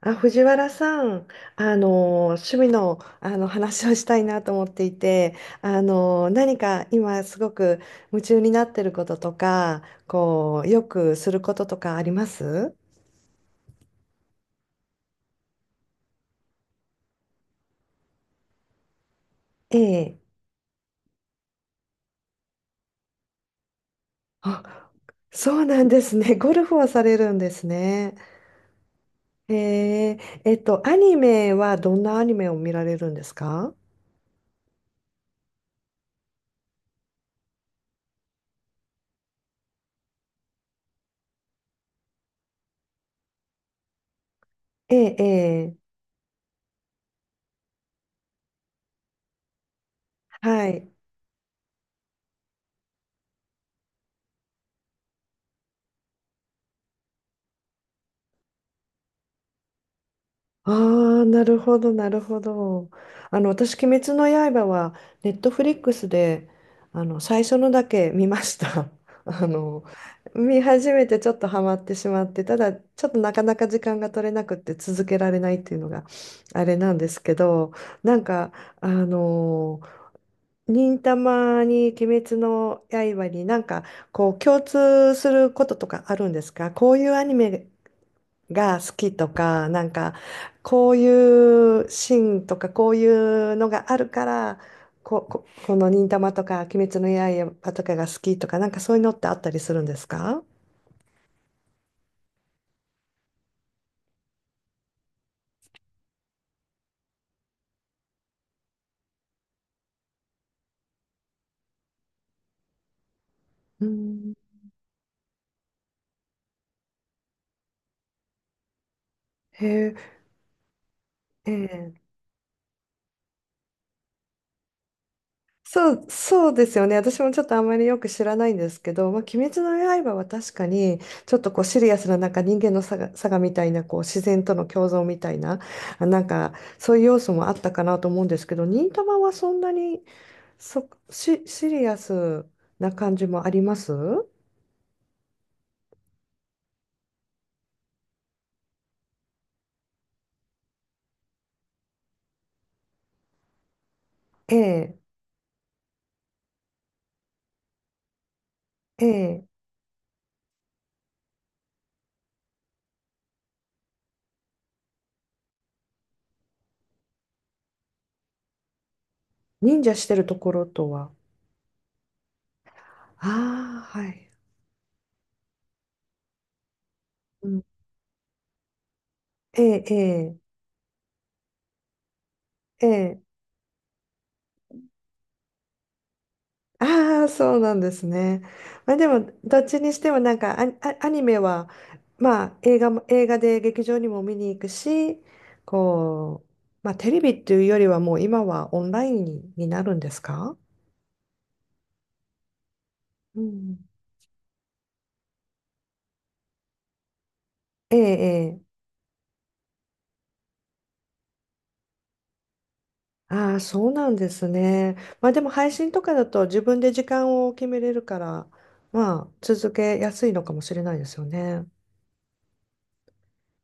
あ、藤原さん、趣味の、話をしたいなと思っていて、何か今すごく夢中になってることとか、こう、よくすることとかあります？ええ。あ、そうなんですね。ゴルフをされるんですね。ええ、アニメはどんなアニメを見られるんですか？ええ、ええ。はい。ああ、なるほど、なるほど。私、鬼滅の刃は、ネットフリックスで、最初のだけ見ました。あの、見始めてちょっとハマってしまって、ただ、ちょっとなかなか時間が取れなくって続けられないっていうのが、あれなんですけど、なんか、あの、忍たまに鬼滅の刃になんか、こう、共通することとかあるんですか？こういうアニメが好きとか、なんか、こういうシーンとか、こういうのがあるから、この忍たまとか、鬼滅の刃とかが好きとか、なんかそういうのってあったりするんですか？うん。へえ。ええ。そうですよね。私もちょっとあんまりよく知らないんですけど、まあ、鬼滅の刃は確かに、ちょっとこうシリアスな、なんか人間のさがみたいな、こう自然との共存みたいな、なんかそういう要素もあったかなと思うんですけど、忍たまはそんなにシリアスな感じもあります？ええ、ええ。忍者してるところとは？ああ、はい。うん、ええ、ええ、ええ。ああ、そうなんですね。まあでも、どっちにしてもなんかアニメは、映画で劇場にも見に行くし、こう、まあテレビっていうよりはもう今はオンラインに、なるんですか？うん。え、ええ。ああ、そうなんですね。まあでも配信とかだと自分で時間を決めれるから、まあ続けやすいのかもしれないですよね。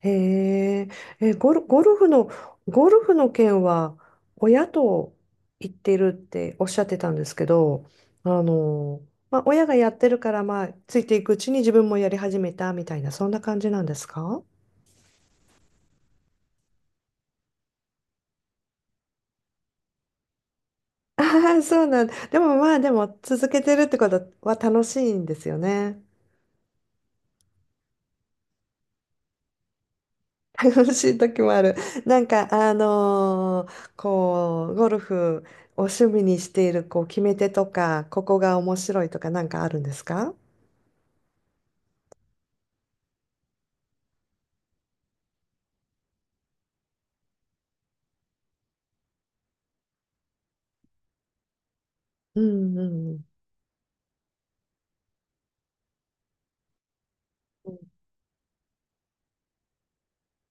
へえ。え、ゴルフの件は親と行ってるっておっしゃってたんですけど、あの、まあ親がやってるからまあついていくうちに自分もやり始めたみたいな、そんな感じなんですか？ ああそうなんでもまあでも続けてるってことは楽しいんですよね。楽しい時もある。なんか、こう、ゴルフを趣味にしている、こう、決め手とか、ここが面白いとか、なんかあるんですか？うんうんうん。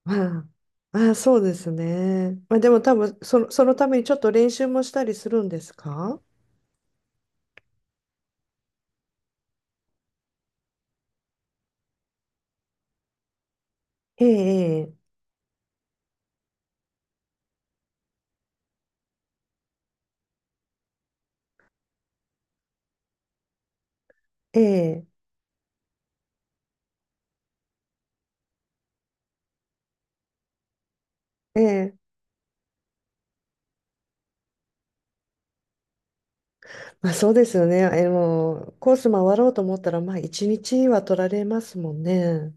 まあ、ああ、そうですね。まあ、でも多分、そのためにちょっと練習もしたりするんですか？ええ、ええ、ええ。ええ。まあ、そうですよね。え、もう、コース回ろうと思ったら、まあ、一日は取られますもんね。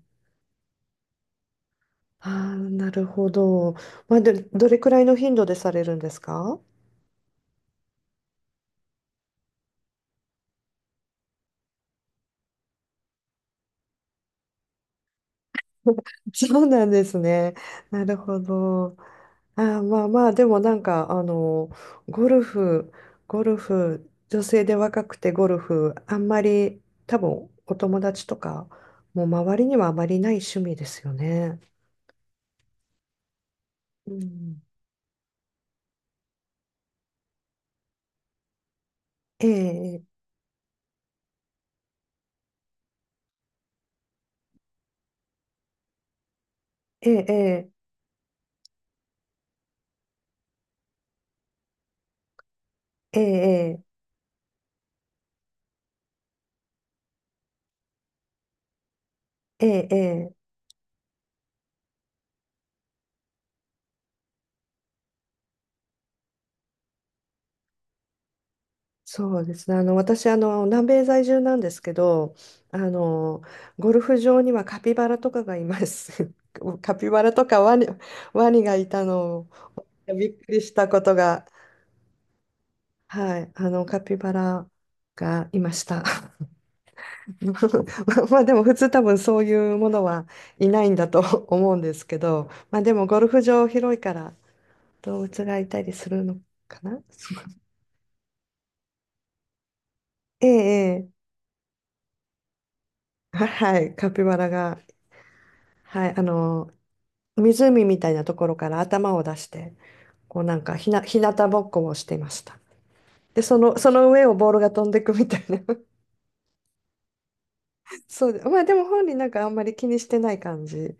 ああ、なるほど。まあ、で、どれくらいの頻度でされるんですか？ そうなんですね。なるほど。ああ、まあまあ、でもなんか、ゴルフ、ゴルフ、女性で若くてゴルフ、あんまり、多分、お友達とか、もう周りにはあまりない趣味ですよね。うん。ええ、ええ、ええ、ええ、ええ、ええ。そうですね。私、南米在住なんですけど、あの、ゴルフ場にはカピバラとかがいます。カピバラとかワニがいたのをびっくりしたことが、はい、カピバラがいました。ままあでも普通多分そういうものはいないんだと 思うんですけど、まあでもゴルフ場広いから動物がいたりするのかな。ええ、ええ。はい、カピバラが、はい、湖みたいなところから頭を出して、こうなんかひなたぼっこをしていました。で、その上をボールが飛んでいくみたいな。そうで、まあでも本人なんかあんまり気にしてない感じ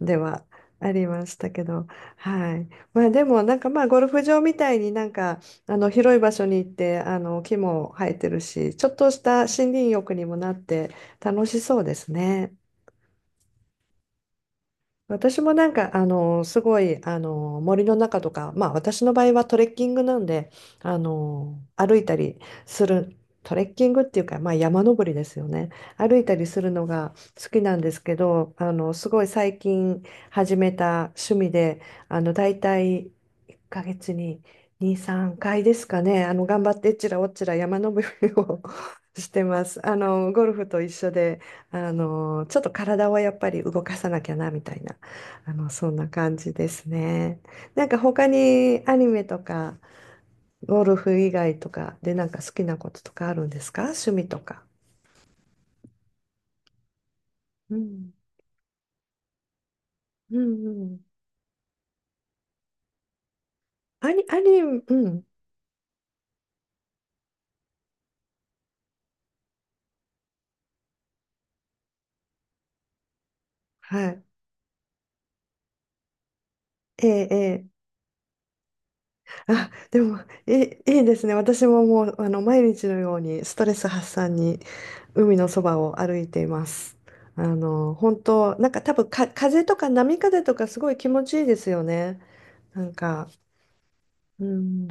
ではありましたけど、はい。まあでもなんかまあゴルフ場みたいになんかあの広い場所に行ってあの木も生えてるし、ちょっとした森林浴にもなって楽しそうですね。私もなんか、すごい、森の中とか、まあ私の場合はトレッキングなんで、歩いたりする、トレッキングっていうか、まあ山登りですよね。歩いたりするのが好きなんですけど、すごい最近始めた趣味で、大体1ヶ月に2、3回ですかね、頑張ってえっちらおっちら山登りを してます。ゴルフと一緒で、ちょっと体をやっぱり動かさなきゃな、みたいな。そんな感じですね。なんか他にアニメとか、ゴルフ以外とかでなんか好きなこととかあるんですか？趣味とか。うん。うんうん。アニ、アニ、うん。はい。ええ、ええ。あ、でも、え、いいですね。私ももう、毎日のようにストレス発散に海のそばを歩いています。本当なんか多分か、風とか波風とかすごい気持ちいいですよね。なんか。うん、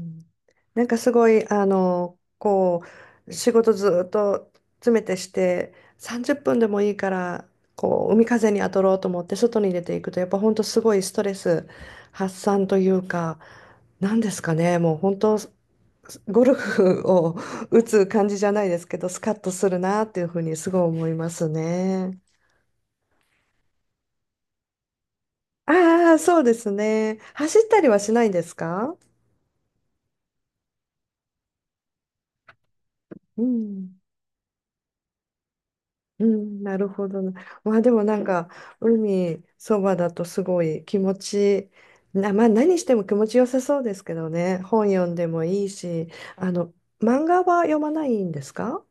なんかすごい、こう、仕事ずっと詰めてして、30分でもいいから、こう、海風に当たろうと思って外に出ていくと、やっぱ本当すごいストレス発散というか、なんですかね、もう本当、ゴルフを打つ感じじゃないですけど、スカッとするなっていうふうにすごい思いますね。ああ、そうですね。走ったりはしないんですか？うん。うん、なるほどな。まあでもなんか、海そばだとすごい気持ち、まあ何しても気持ちよさそうですけどね。本読んでもいいし、あの、漫画は読まないんですか？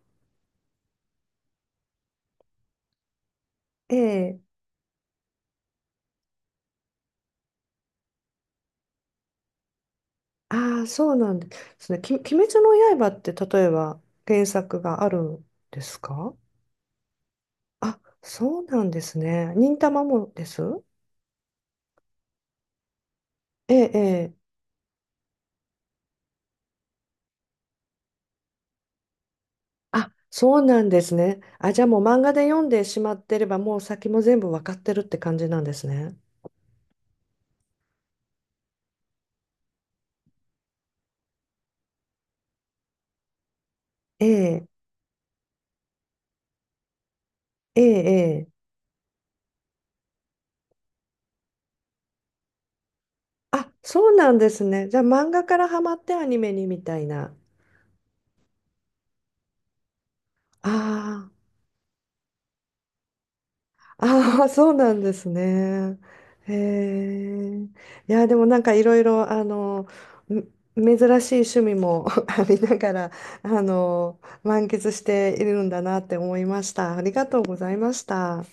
ええ。ああ、そうなんですね。鬼滅の刃って例えば原作があるんですか？あ、そうなんですね。忍たまもです？ええ、ええ。あ、そうなんですね。あ、じゃあもう漫画で読んでしまってれば、もう先も全部わかってるって感じなんですね。ええ、ええ、ええ。あ、そうなんですね。じゃあ漫画からハマってアニメにみたいな。ああ、ああ、そうなんですね。へえ。いや、でもなんかいろいろ、め珍しい趣味も ありながら、満喫しているんだなって思いました。ありがとうございました。